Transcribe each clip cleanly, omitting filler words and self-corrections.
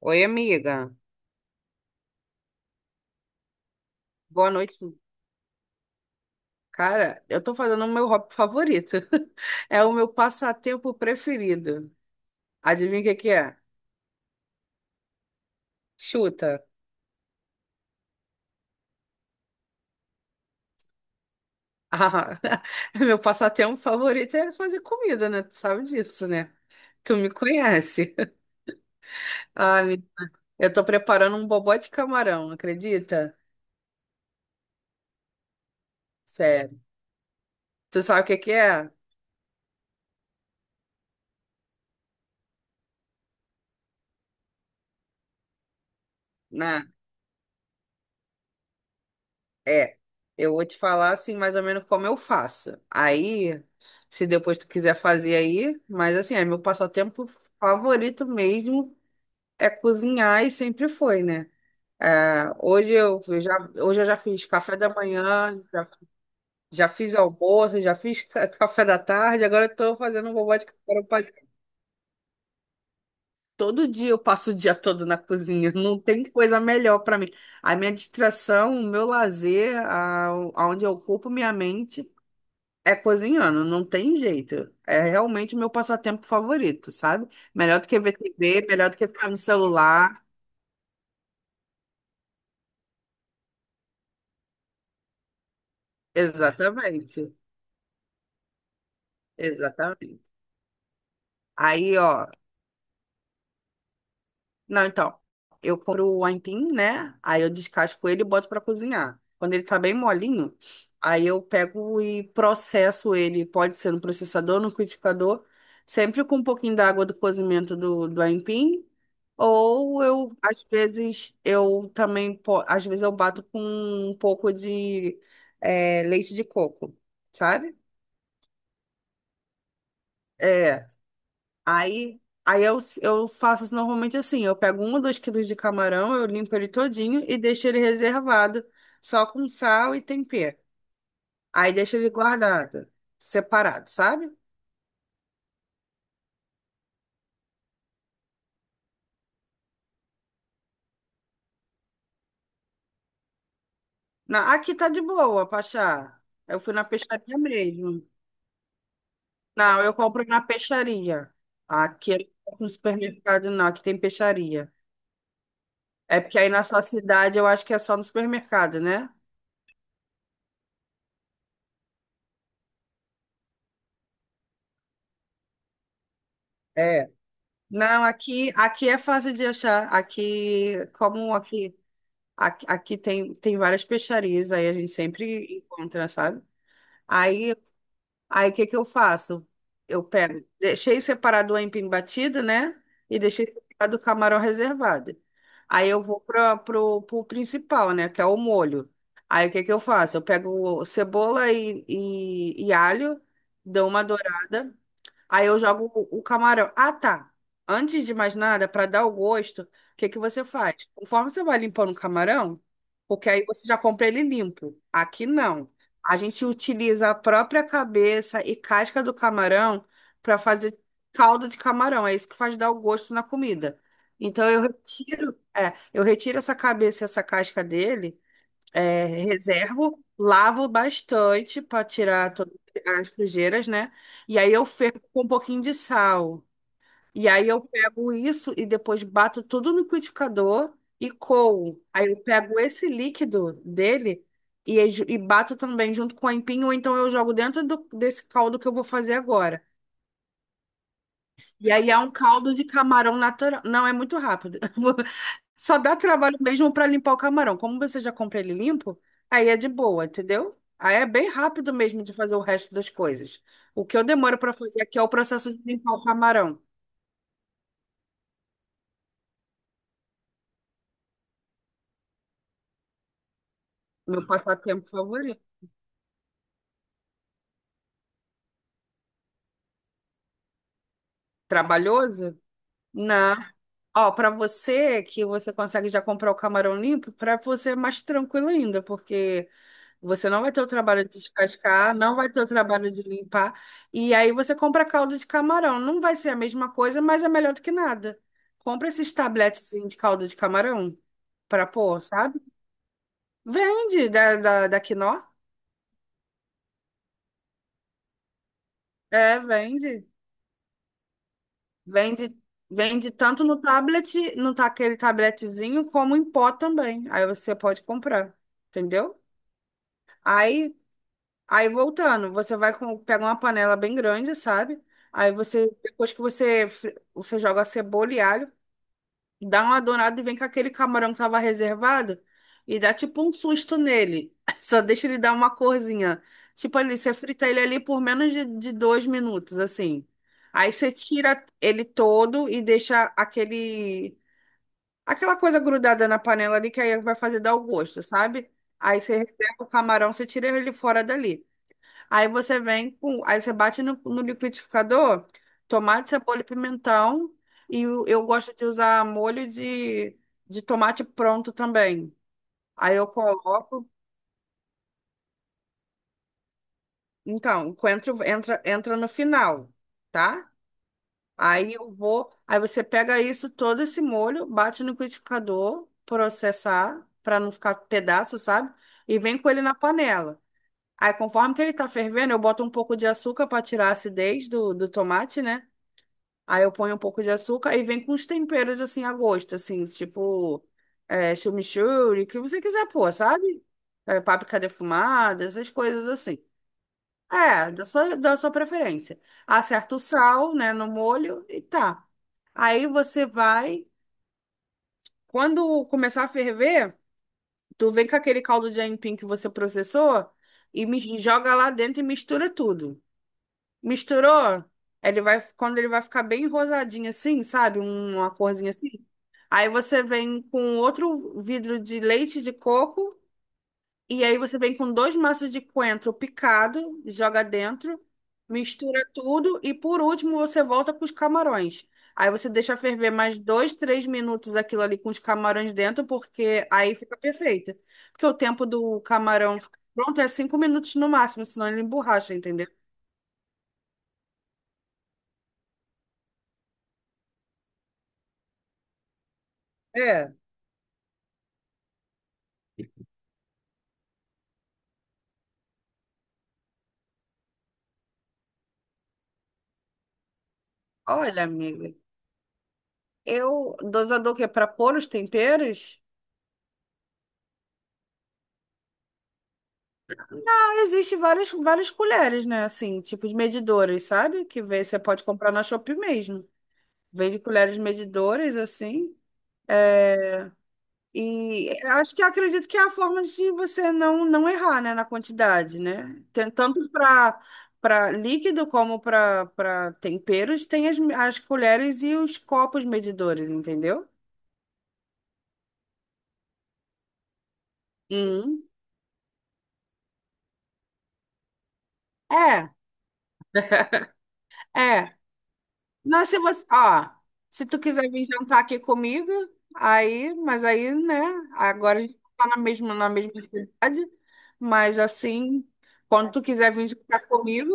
Oi, amiga. Boa noite. Cara, eu tô fazendo o meu hobby favorito. É o meu passatempo preferido. Adivinha o que que é? Chuta. Ah, meu passatempo favorito é fazer comida, né? Tu sabe disso, né? Tu me conhece. Ah, me- eu tô preparando um bobó de camarão, acredita? Sério. Tu sabe o que que é? Né? É, eu vou te falar assim, mais ou menos como eu faço. Aí, se depois tu quiser fazer aí, mas assim, é meu passatempo favorito mesmo é cozinhar e sempre foi, né? É, hoje eu já, hoje eu já fiz café da manhã, já, já fiz almoço, já fiz café da tarde, agora eu tô fazendo um bobó de café. Todo dia eu passo o dia todo na cozinha, não tem coisa melhor pra mim. A minha distração, o meu lazer, aonde eu ocupo minha mente. É cozinhando, não tem jeito. É realmente o meu passatempo favorito, sabe? Melhor do que ver TV, melhor do que ficar no celular. Exatamente, exatamente. Aí, ó, não, então, eu compro o aipim, né? Aí eu descasco ele e boto pra cozinhar. Quando ele tá bem molinho, aí eu pego e processo ele, pode ser no processador, no liquidificador, sempre com um pouquinho da água do cozimento do aipim. Ou eu, às vezes, eu também, às vezes eu bato com um pouco de leite de coco, sabe? É, aí, aí eu faço assim, normalmente assim, eu pego um ou dois quilos de camarão, eu limpo ele todinho e deixo ele reservado, só com sal e tempero. Aí deixo ele guardado, separado, sabe? Na, aqui tá de boa, Pachá. Eu fui na peixaria mesmo. Não, eu compro na peixaria. Aqui eu não compro no supermercado, não. Aqui tem peixaria. É porque aí na sua cidade eu acho que é só no supermercado, né? É. Não, aqui, aqui é fácil de achar. Aqui, como aqui, aqui, aqui tem, tem várias peixarias, aí a gente sempre encontra, sabe? Aí, aí o que que eu faço? Eu pego, deixei separado o aipim batido, né? E deixei separado o camarão reservado. Aí eu vou para pro principal, né? Que é o molho. Aí o que que eu faço? Eu pego cebola e alho, dou uma dourada. Aí eu jogo o camarão. Ah, tá. Antes de mais nada, para dar o gosto, o que que você faz? Conforme você vai limpando o camarão, porque aí você já compra ele limpo. Aqui não. A gente utiliza a própria cabeça e casca do camarão para fazer caldo de camarão. É isso que faz dar o gosto na comida. Então eu retiro, é, eu retiro essa cabeça e essa casca dele. É, reservo, lavo bastante para tirar todas as sujeiras, né? E aí eu fervo com um pouquinho de sal. E aí eu pego isso e depois bato tudo no liquidificador e coo. Aí eu pego esse líquido dele e bato também junto com a empinho, ou então eu jogo dentro desse caldo que eu vou fazer agora. E aí é um caldo de camarão natural. Não, é muito rápido. Só dá trabalho mesmo para limpar o camarão. Como você já compra ele limpo, aí é de boa, entendeu? Aí é bem rápido mesmo de fazer o resto das coisas. O que eu demoro para fazer aqui é o processo de limpar o camarão. Meu passatempo favorito. Trabalhoso? Não. Ó, para você que você consegue já comprar o camarão limpo, para você é mais tranquilo ainda, porque você não vai ter o trabalho de descascar, não vai ter o trabalho de limpar. E aí você compra caldo de camarão. Não vai ser a mesma coisa, mas é melhor do que nada. Compra esses tabletezinhos de caldo de camarão para pôr, sabe? Vende da Quinó. É, vende. Vende, vende tanto no tablet, no aquele tabletezinho, como em pó também. Aí você pode comprar, entendeu? Aí, aí voltando, você vai com, pega uma panela bem grande, sabe? Aí você, depois que você, você joga a cebola e alho, dá uma dourada e vem com aquele camarão que tava reservado e dá tipo um susto nele. Só deixa ele dar uma corzinha. Tipo ali, você frita ele ali por menos de dois minutos, assim. Aí você tira ele todo e deixa aquele, aquela coisa grudada na panela ali que aí vai fazer dar o gosto, sabe? Aí você reserva o camarão, você tira ele fora dali. Aí você vem com. Aí você bate no liquidificador, tomate, cebola e pimentão. E eu gosto de usar molho de tomate pronto também. Aí eu coloco. Então, o coentro entra, entra no final, tá? Aí eu vou. Aí você pega isso, todo esse molho, bate no liquidificador, processar, para não ficar pedaço, sabe? E vem com ele na panela. Aí, conforme que ele tá fervendo, eu boto um pouco de açúcar para tirar a acidez do tomate, né? Aí eu ponho um pouco de açúcar e vem com os temperos assim a gosto, assim, tipo é, chimichurri, o que você quiser pôr, sabe? É, páprica defumada, essas coisas assim. É, da sua preferência. Acerta o sal, né, no molho e tá. Aí você vai, quando começar a ferver, tu vem com aquele caldo de aipim que você processou e joga lá dentro e mistura tudo. Misturou? Ele vai, quando ele vai ficar bem rosadinho assim, sabe? Uma corzinha assim. Aí você vem com outro vidro de leite de coco e aí você vem com dois maços de coentro picado, joga dentro, mistura tudo e por último você volta com os camarões. Aí você deixa ferver mais dois, três minutos aquilo ali com os camarões dentro, porque aí fica perfeito. Porque o tempo do camarão ficar pronto é cinco minutos no máximo, senão ele emborracha, entendeu? É. Olha, amiga. Eu, dosador que é para pôr os temperos? Ah, existe várias, várias colheres, né? Assim, tipo de medidores, sabe? Que você pode comprar na Shopee mesmo. Vende colheres medidoras, assim. É, e acho que eu acredito que é a forma de você não, não errar, né? Na quantidade, né? Tanto para líquido como para temperos, tem as colheres e os copos medidores, entendeu? Uhum. É. É, mas se você, ó, se tu quiser vir jantar aqui comigo, aí, mas aí, né, agora a gente tá na mesma cidade, mas assim, quando tu quiser vir jantar comigo,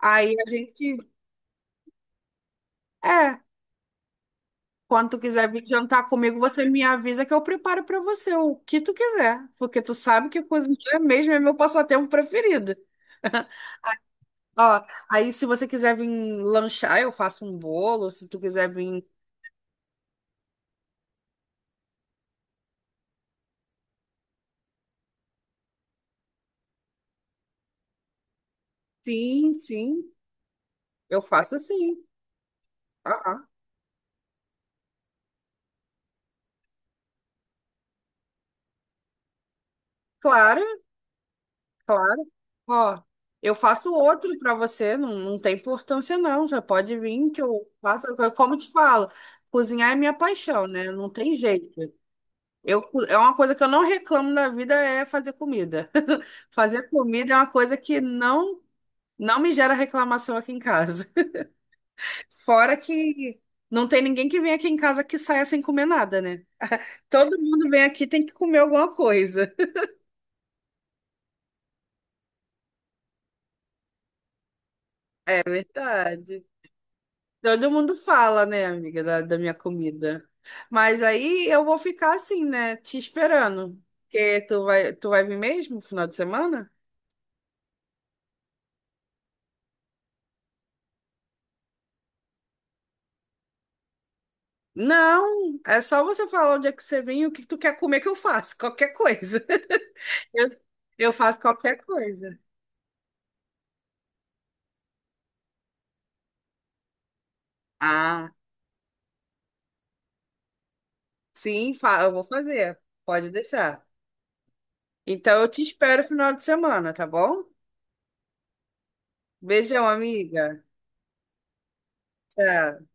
aí a gente, é, quando tu quiser vir jantar comigo, você me avisa que eu preparo pra você o que tu quiser, porque tu sabe que cozinhar mesmo é meu passatempo preferido. Ó, aí se você quiser vir lanchar, eu faço um bolo, se tu quiser vir, sim, sim, eu faço assim. Ah, claro, claro. Ó, eu faço outro para você, não, não tem importância não. Você pode vir que eu faço. Como eu te falo, cozinhar é minha paixão, né? Não tem jeito. Eu, é uma coisa que eu não reclamo na vida é fazer comida. Fazer comida é uma coisa que não me gera reclamação aqui em casa. Fora que não tem ninguém que vem aqui em casa que saia sem comer nada, né? Todo mundo vem aqui tem que comer alguma coisa. É verdade. Todo mundo fala, né, amiga, da minha comida. Mas aí eu vou ficar assim, né, te esperando. Porque tu vai vir mesmo no final de semana? Não, é só você falar onde é que você vem e o que tu quer comer que eu faço, qualquer coisa. Eu, eu faço qualquer coisa. Ah, sim, eu vou fazer. Pode deixar. Então eu te espero no final de semana, tá bom? Beijão, amiga. Tchau.